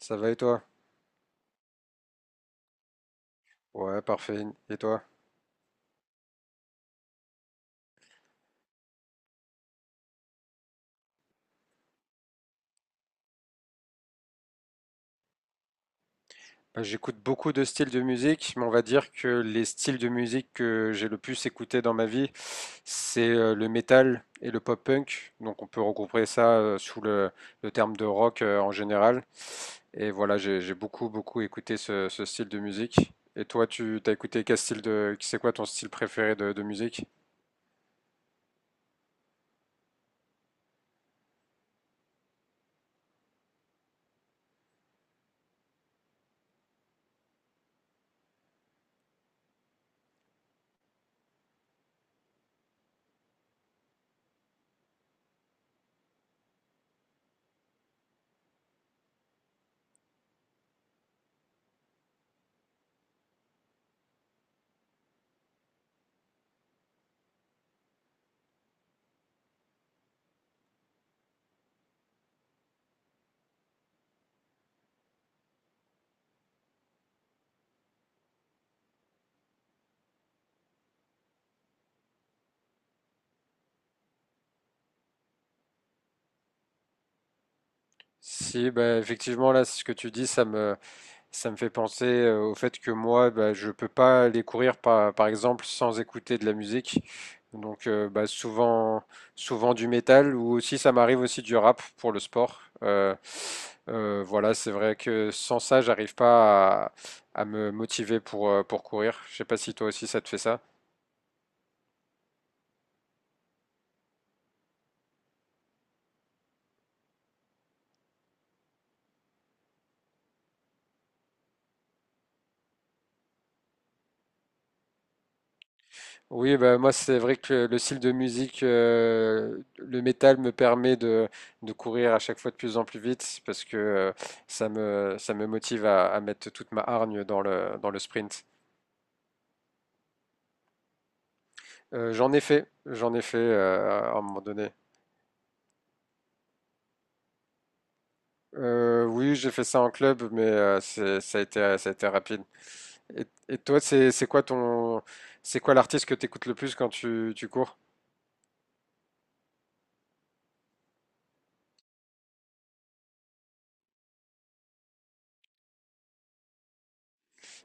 Ça va et toi? Ouais, parfait. Et toi? Bah, j'écoute beaucoup de styles de musique, mais on va dire que les styles de musique que j'ai le plus écouté dans ma vie, c'est le métal et le pop-punk. Donc on peut regrouper ça sous le terme de rock en général. Et voilà, j'ai beaucoup, beaucoup écouté ce style de musique. Et toi, tu t'as écouté quel style de... C'est quoi ton style préféré de musique? Si, bah, effectivement, là, ce que tu dis, ça me fait penser au fait que moi, bah, je peux pas aller courir par exemple sans écouter de la musique. Donc bah, souvent du métal ou aussi ça m'arrive aussi du rap pour le sport. Voilà, c'est vrai que sans ça, j'arrive pas à me motiver pour courir. Je sais pas si toi aussi ça te fait ça. Oui, bah, moi c'est vrai que le style de musique, le métal me permet de courir à chaque fois de plus en plus vite parce que ça me motive à mettre toute ma hargne dans le sprint. J'en ai fait à un moment donné. Oui, j'ai fait ça en club, mais ça a été rapide. Et toi, c'est quoi c'est quoi l'artiste que tu écoutes le plus quand tu cours?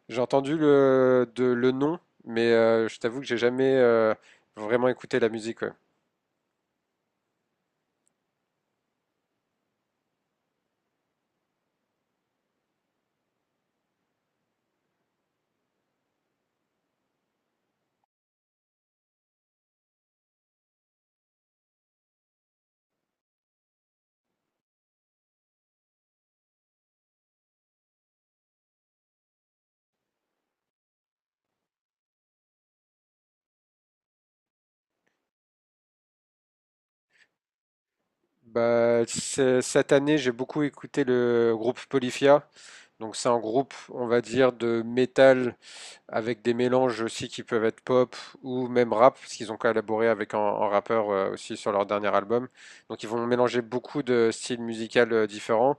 J'ai entendu le nom, mais je t'avoue que j'ai jamais vraiment écouté la musique. Ouais. Bah, cette année, j'ai beaucoup écouté le groupe Polyphia. Donc, c'est un groupe, on va dire, de métal avec des mélanges aussi qui peuvent être pop ou même rap, parce qu'ils ont collaboré avec un rappeur aussi sur leur dernier album. Donc, ils vont mélanger beaucoup de styles musicaux différents.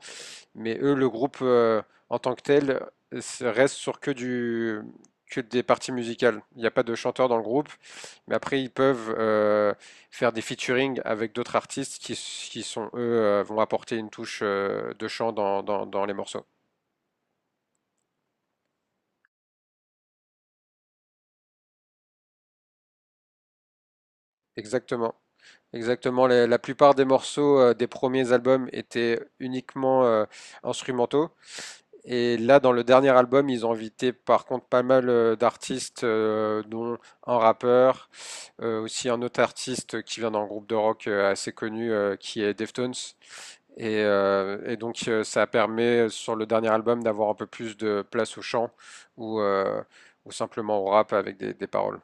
Mais eux, le groupe en tant que tel reste sur que des parties musicales. Il n'y a pas de chanteur dans le groupe, mais après ils peuvent faire des featuring avec d'autres artistes qui sont eux vont apporter une touche de chant dans les morceaux. Exactement. Exactement. La plupart des morceaux des premiers albums étaient uniquement instrumentaux. Et là, dans le dernier album, ils ont invité par contre pas mal d'artistes, dont un rappeur, aussi un autre artiste qui vient d'un groupe de rock assez connu qui est Deftones. Et donc ça permet sur le dernier album d'avoir un peu plus de place au chant ou, euh, ou simplement au rap avec des paroles.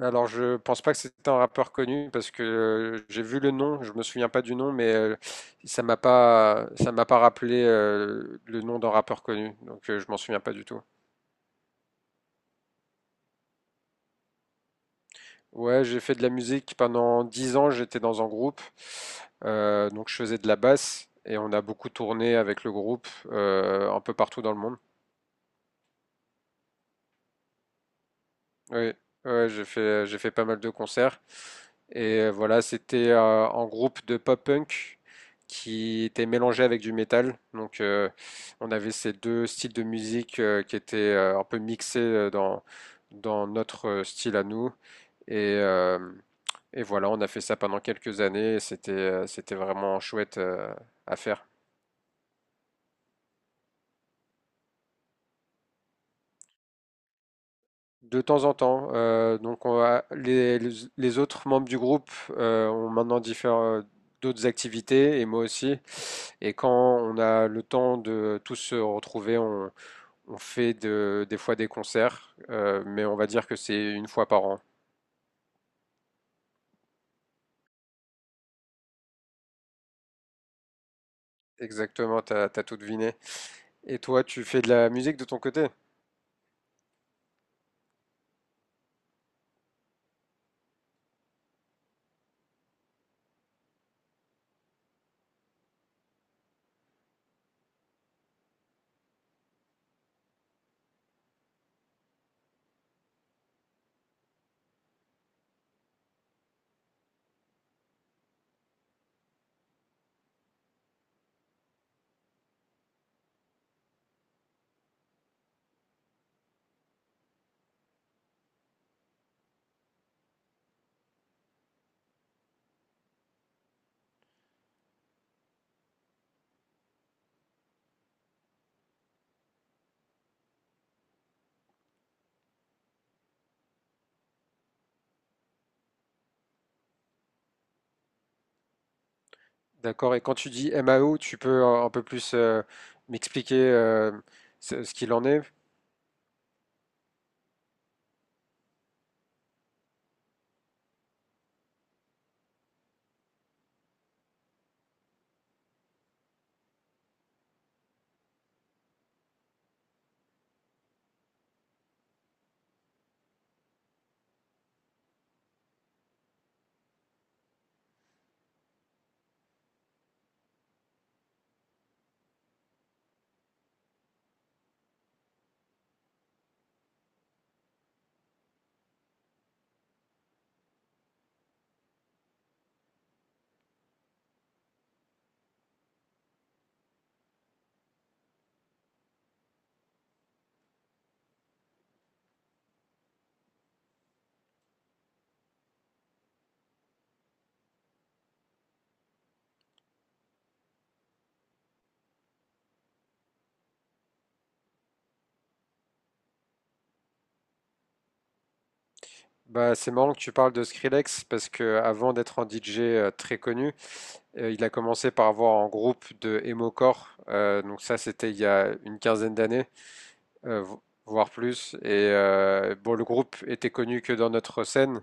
Alors, je pense pas que c'était un rappeur connu parce que j'ai vu le nom, je me souviens pas du nom, mais ça m'a pas rappelé le nom d'un rappeur connu, donc je m'en souviens pas du tout. Ouais, j'ai fait de la musique pendant 10 ans, j'étais dans un groupe, donc je faisais de la basse et on a beaucoup tourné avec le groupe un peu partout dans le monde. Oui, ouais, j'ai fait pas mal de concerts. Et voilà, c'était en groupe de pop-punk qui était mélangé avec du métal. Donc on avait ces deux styles de musique qui étaient un peu mixés dans notre style à nous. Et, euh, et voilà, on a fait ça pendant quelques années et c'était vraiment chouette à faire. De temps en temps, donc on va les autres membres du groupe, ont maintenant différents d'autres activités et moi aussi et quand on a le temps de tous se retrouver, on fait de des fois des concerts, mais on va dire que c'est une fois par an. Exactement, t'as as tout deviné et toi, tu fais de la musique de ton côté? D'accord et quand tu dis MAO, tu peux un peu plus, m'expliquer, ce qu'il en est? Bah, c'est marrant que tu parles de Skrillex parce que avant d'être un DJ très connu, il a commencé par avoir un groupe de emocore. Donc ça, c'était il y a une quinzaine d'années, voire plus. Et bon, le groupe était connu que dans notre scène,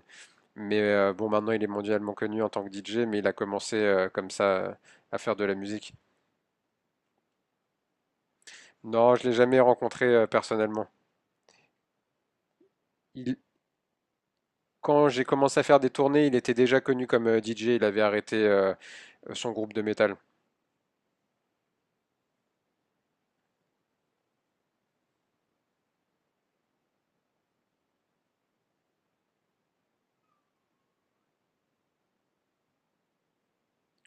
mais bon, maintenant il est mondialement connu en tant que DJ, mais il a commencé comme ça à faire de la musique. Non, je l'ai jamais rencontré personnellement. Il- Quand j'ai commencé à faire des tournées, il était déjà connu comme DJ. Il avait arrêté son groupe de métal.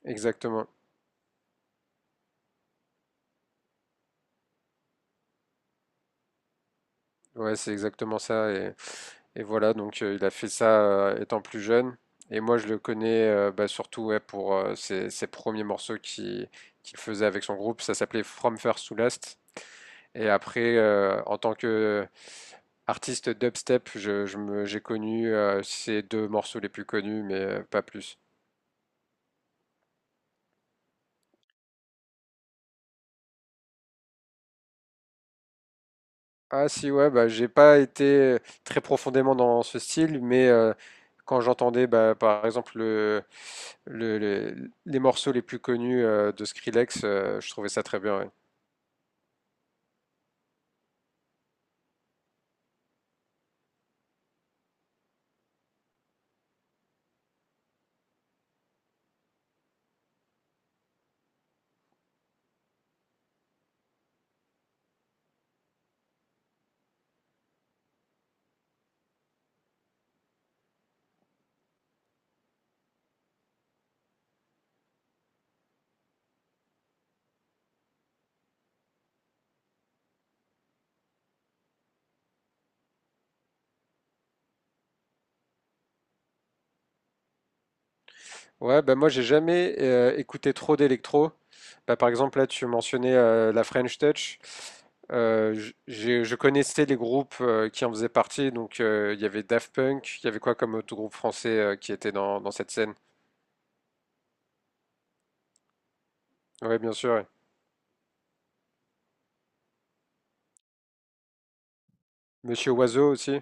Exactement. Ouais, c'est exactement ça. Et voilà, donc il a fait ça étant plus jeune. Et moi, je le connais bah, surtout ouais, pour ses premiers morceaux qu'il faisait avec son groupe. Ça s'appelait From First to Last. Et après, en tant que artiste dubstep, j'ai connu ces deux morceaux les plus connus, mais pas plus. Ah si, ouais, bah, j'ai pas été très profondément dans ce style, mais quand j'entendais bah, par exemple les morceaux les plus connus de Skrillex, je trouvais ça très bien. Ouais, Ouais, bah moi j'ai jamais écouté trop d'électro. Bah, par exemple là tu mentionnais la French Touch. Je connaissais les groupes qui en faisaient partie, donc il y avait Daft Punk, il y avait quoi comme autre groupe français qui était dans cette scène? Oui, bien sûr. Ouais. Monsieur Oiseau aussi.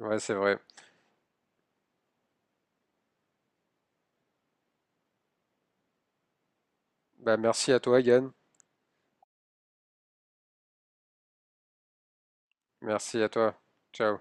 Ouais, c'est vrai. Bah merci à toi, Yann. Merci à toi. Ciao.